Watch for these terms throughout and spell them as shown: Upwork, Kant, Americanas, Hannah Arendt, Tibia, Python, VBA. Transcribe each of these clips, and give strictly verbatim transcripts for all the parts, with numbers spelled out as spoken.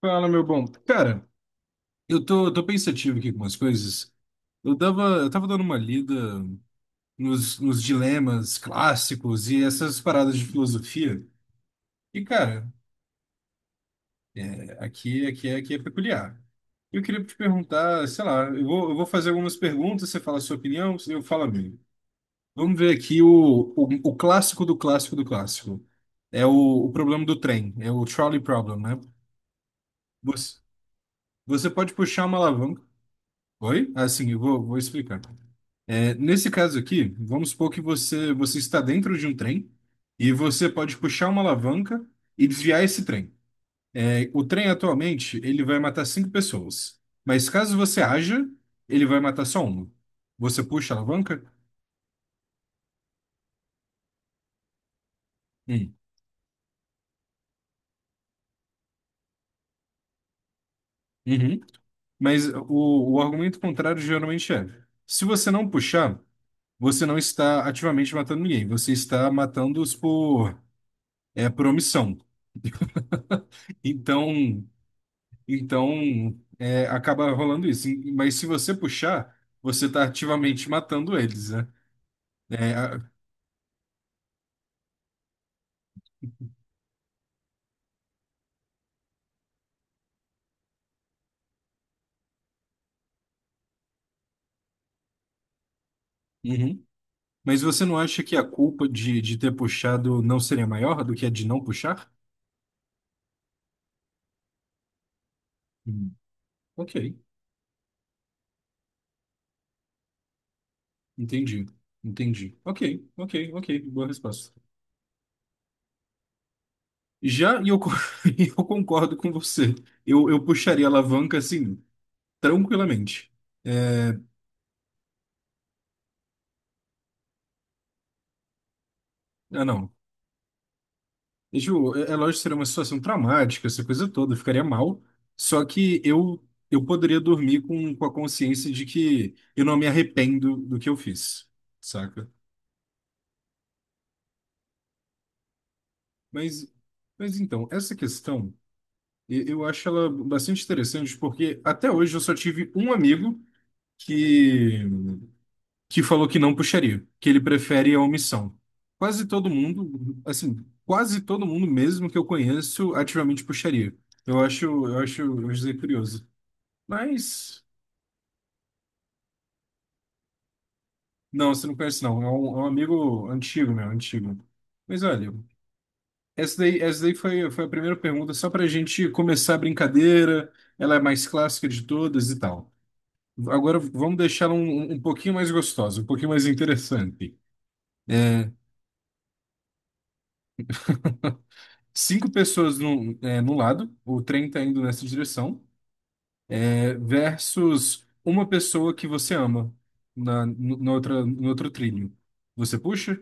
Fala, meu bom. Cara, eu tô, tô pensativo aqui com umas coisas. Eu tava, eu tava dando uma lida nos, nos dilemas clássicos e essas paradas de filosofia. E, cara, é, aqui, aqui, aqui é peculiar. Eu queria te perguntar, sei lá, eu vou, eu vou fazer algumas perguntas, você fala a sua opinião, eu falo a minha. Vamos ver aqui o, o, o clássico do clássico do clássico. É o, o problema do trem, é o trolley problem, né? Você, você pode puxar uma alavanca. Oi? Assim, eu vou, vou explicar. É, nesse caso aqui, vamos supor que você, você está dentro de um trem e você pode puxar uma alavanca e desviar esse trem. É, o trem atualmente ele vai matar cinco pessoas, mas caso você haja, ele vai matar só uma. Você puxa a alavanca? Hum. Uhum. Mas o, o argumento contrário geralmente é: se você não puxar, você não está ativamente matando ninguém, você está matando-os por, é, por omissão. Então, Então, é, acaba rolando isso. Mas se você puxar, você está ativamente matando eles, né? É, a- Uhum. Mas você não acha que a culpa de, de ter puxado não seria maior do que a de não puxar? Hum. Ok, entendi. Entendi. Ok, ok, ok. Boa resposta. Já, e eu, co- e eu concordo com você. Eu, eu puxaria a alavanca, assim, tranquilamente. É, ah, não. E, Ju, é é lógico que seria uma situação traumática, essa coisa toda, eu ficaria mal. Só que eu eu poderia dormir com, com a consciência de que eu não me arrependo do que eu fiz, saca? Mas, mas então, essa questão, e- eu acho ela bastante interessante, porque até hoje eu só tive um amigo que, que falou que não puxaria, que ele prefere a omissão. Quase todo mundo, assim, quase todo mundo mesmo que eu conheço ativamente puxaria. Eu acho, eu acho, eu acho curioso. Mas, não, você não conhece, não. É um, é um amigo antigo, meu, antigo. Mas olha, essa daí, essa daí foi, foi a primeira pergunta, só para gente começar a brincadeira. Ela é mais clássica de todas e tal. Agora vamos deixar um, um um pouquinho mais gostosa, um pouquinho mais interessante. É, cinco pessoas no, é, no lado, o trem tá indo nessa direção, é, versus uma pessoa que você ama na, no, na outra, no outro trilho. Você puxa?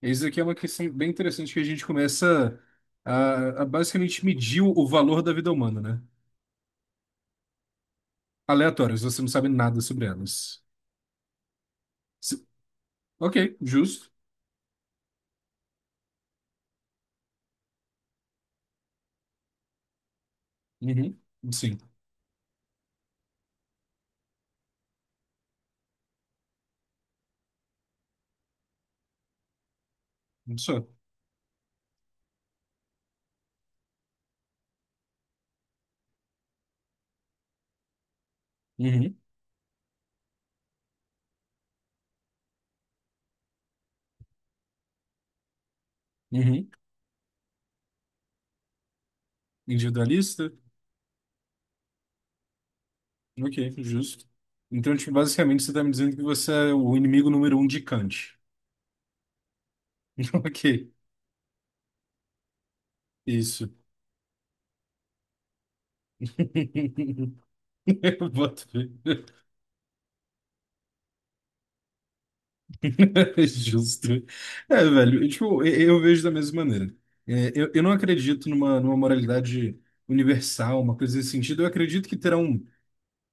Isso aqui é uma questão bem interessante que a gente começa a, a basicamente medir o valor da vida humana, né? Aleatórias, você não sabe nada sobre elas. Se- ok, justo. Uhum. Sim, só. Uhum. Uhum. Individualista? Ok, justo. Então, tipo, basicamente, você está me dizendo que você é o inimigo número um de Kant. Ok, isso. Eu boto fé. Justo. É, velho, e, tipo, e- eu vejo da mesma maneira. É, eu, eu não acredito numa, numa moralidade universal, uma coisa nesse sentido. Eu acredito que terão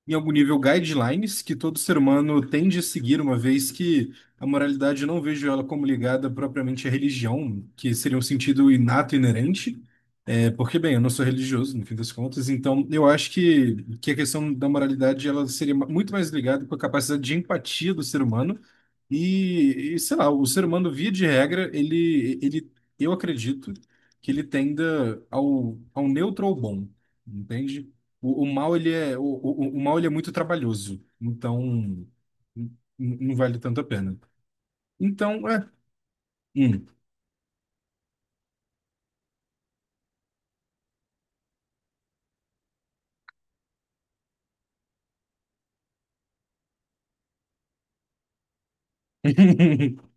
em algum nível, guidelines que todo ser humano tende a seguir, uma vez que a moralidade eu não vejo ela como ligada propriamente à religião, que seria um sentido inato, e inerente, é, porque, bem, eu não sou religioso, no fim das contas, então eu acho que, que a questão da moralidade ela seria ma- muito mais ligada com a capacidade de empatia do ser humano e, e, sei lá, o ser humano, via de regra, ele, ele, eu acredito que ele tenda ao, ao neutro ou bom, entende? O, o mal ele é o, o, o mal ele é muito trabalhoso, então n- n- não vale tanto a pena. Então, é. Hum.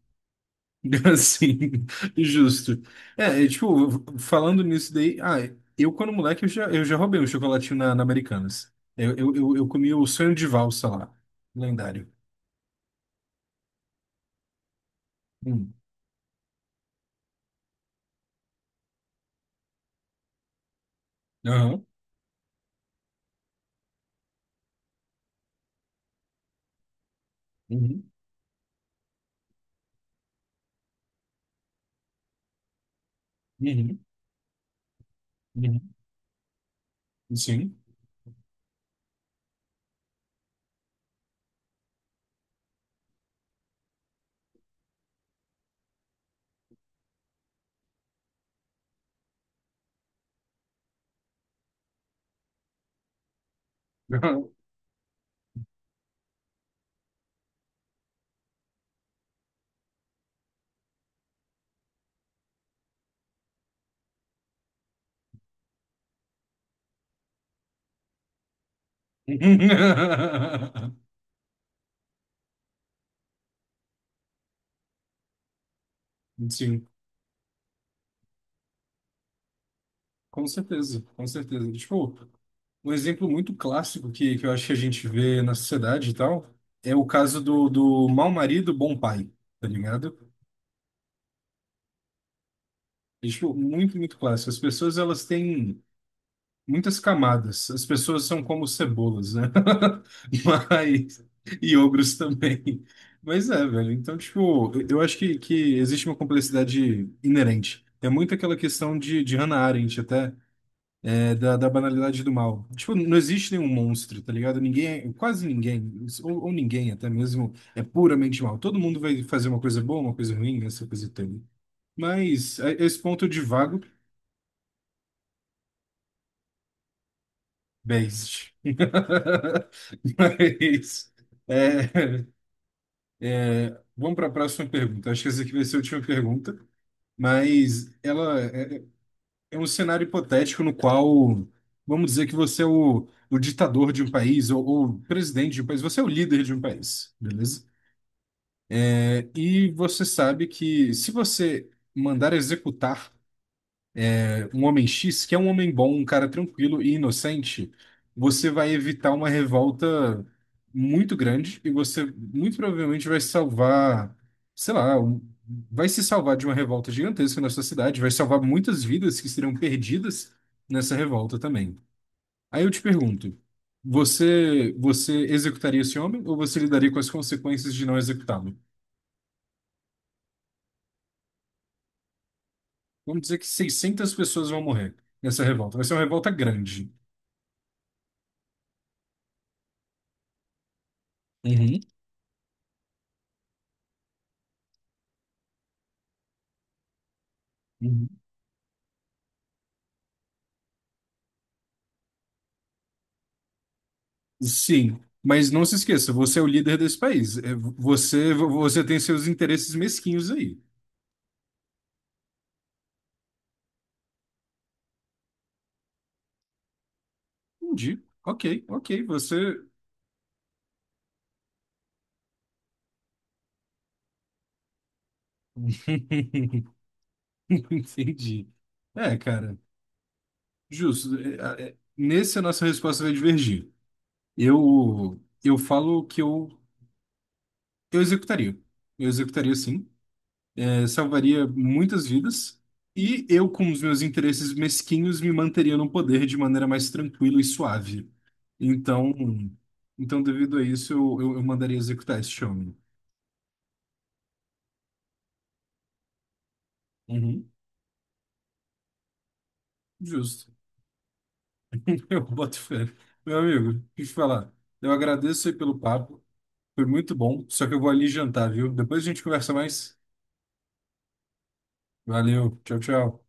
Assim, justo. É, é, tipo, falando nisso daí, ah, eu quando moleque eu já, eu já roubei um chocolatinho na, na Americanas. Eu, eu, eu, eu comi o sonho de valsa lá, lendário. Hum. Aham. Uhum. Uhum. Uhum. Sim. Aham. Sim, com certeza, com certeza. Tipo, um exemplo muito clássico que, que eu acho que a gente vê na sociedade e tal é o caso do, do mau marido, bom pai, tá ligado? É, tipo, muito, muito clássico. As pessoas, elas têm muitas camadas. As pessoas são como cebolas, né? Mas... E ogros também. Mas é, velho. Então, tipo, eu acho que, que existe uma complexidade inerente. É muito aquela questão de, de Hannah Arendt, até. É da, da banalidade do mal. Tipo, não existe nenhum monstro, tá ligado? Ninguém, é, quase ninguém, ou, ou ninguém até mesmo, é puramente mal. Todo mundo vai fazer uma coisa boa, uma coisa ruim, né? Essa coisa toda. Mas é- é esse ponto de vago, based. Mas, é, vamos para a próxima pergunta. Acho que essa aqui vai ser a última pergunta, mas ela é, é um cenário hipotético no qual, vamos dizer que você é o, o ditador de um país ou, ou presidente de um país, você é o líder de um país, beleza? E você sabe que se você mandar executar é, um homem xis, que é um homem bom, um cara tranquilo e inocente, você vai evitar uma revolta muito grande e você muito provavelmente vai salvar, sei lá, um- vai se salvar de uma revolta gigantesca na sua cidade, vai salvar muitas vidas que seriam perdidas nessa revolta também. Aí eu te pergunto, você você executaria esse homem ou você lidaria com as consequências de não executá-lo? Vamos dizer que seiscentas pessoas vão morrer nessa revolta. Vai ser uma revolta grande. Uhum. Uhum. Sim, mas não se esqueça, você é o líder desse país. É, Você, você tem seus interesses mesquinhos aí. Entendi. Ok, ok, você. Entendi. É, cara, justo. É, é, Nesse, a nossa resposta vai divergir. Eu, eu falo que eu, eu executaria. Eu executaria sim. Eh, salvaria muitas vidas. E eu, com os meus interesses mesquinhos, me manteria no poder de maneira mais tranquila e suave. Então, então devido a isso, eu, eu, eu mandaria executar esse homem. Uhum, justo. Eu boto fé. Meu amigo, deixa eu te falar. Eu agradeço aí pelo papo. Foi muito bom. Só que eu vou ali jantar, viu? Depois a gente conversa mais. Valeu. Tchau, tchau.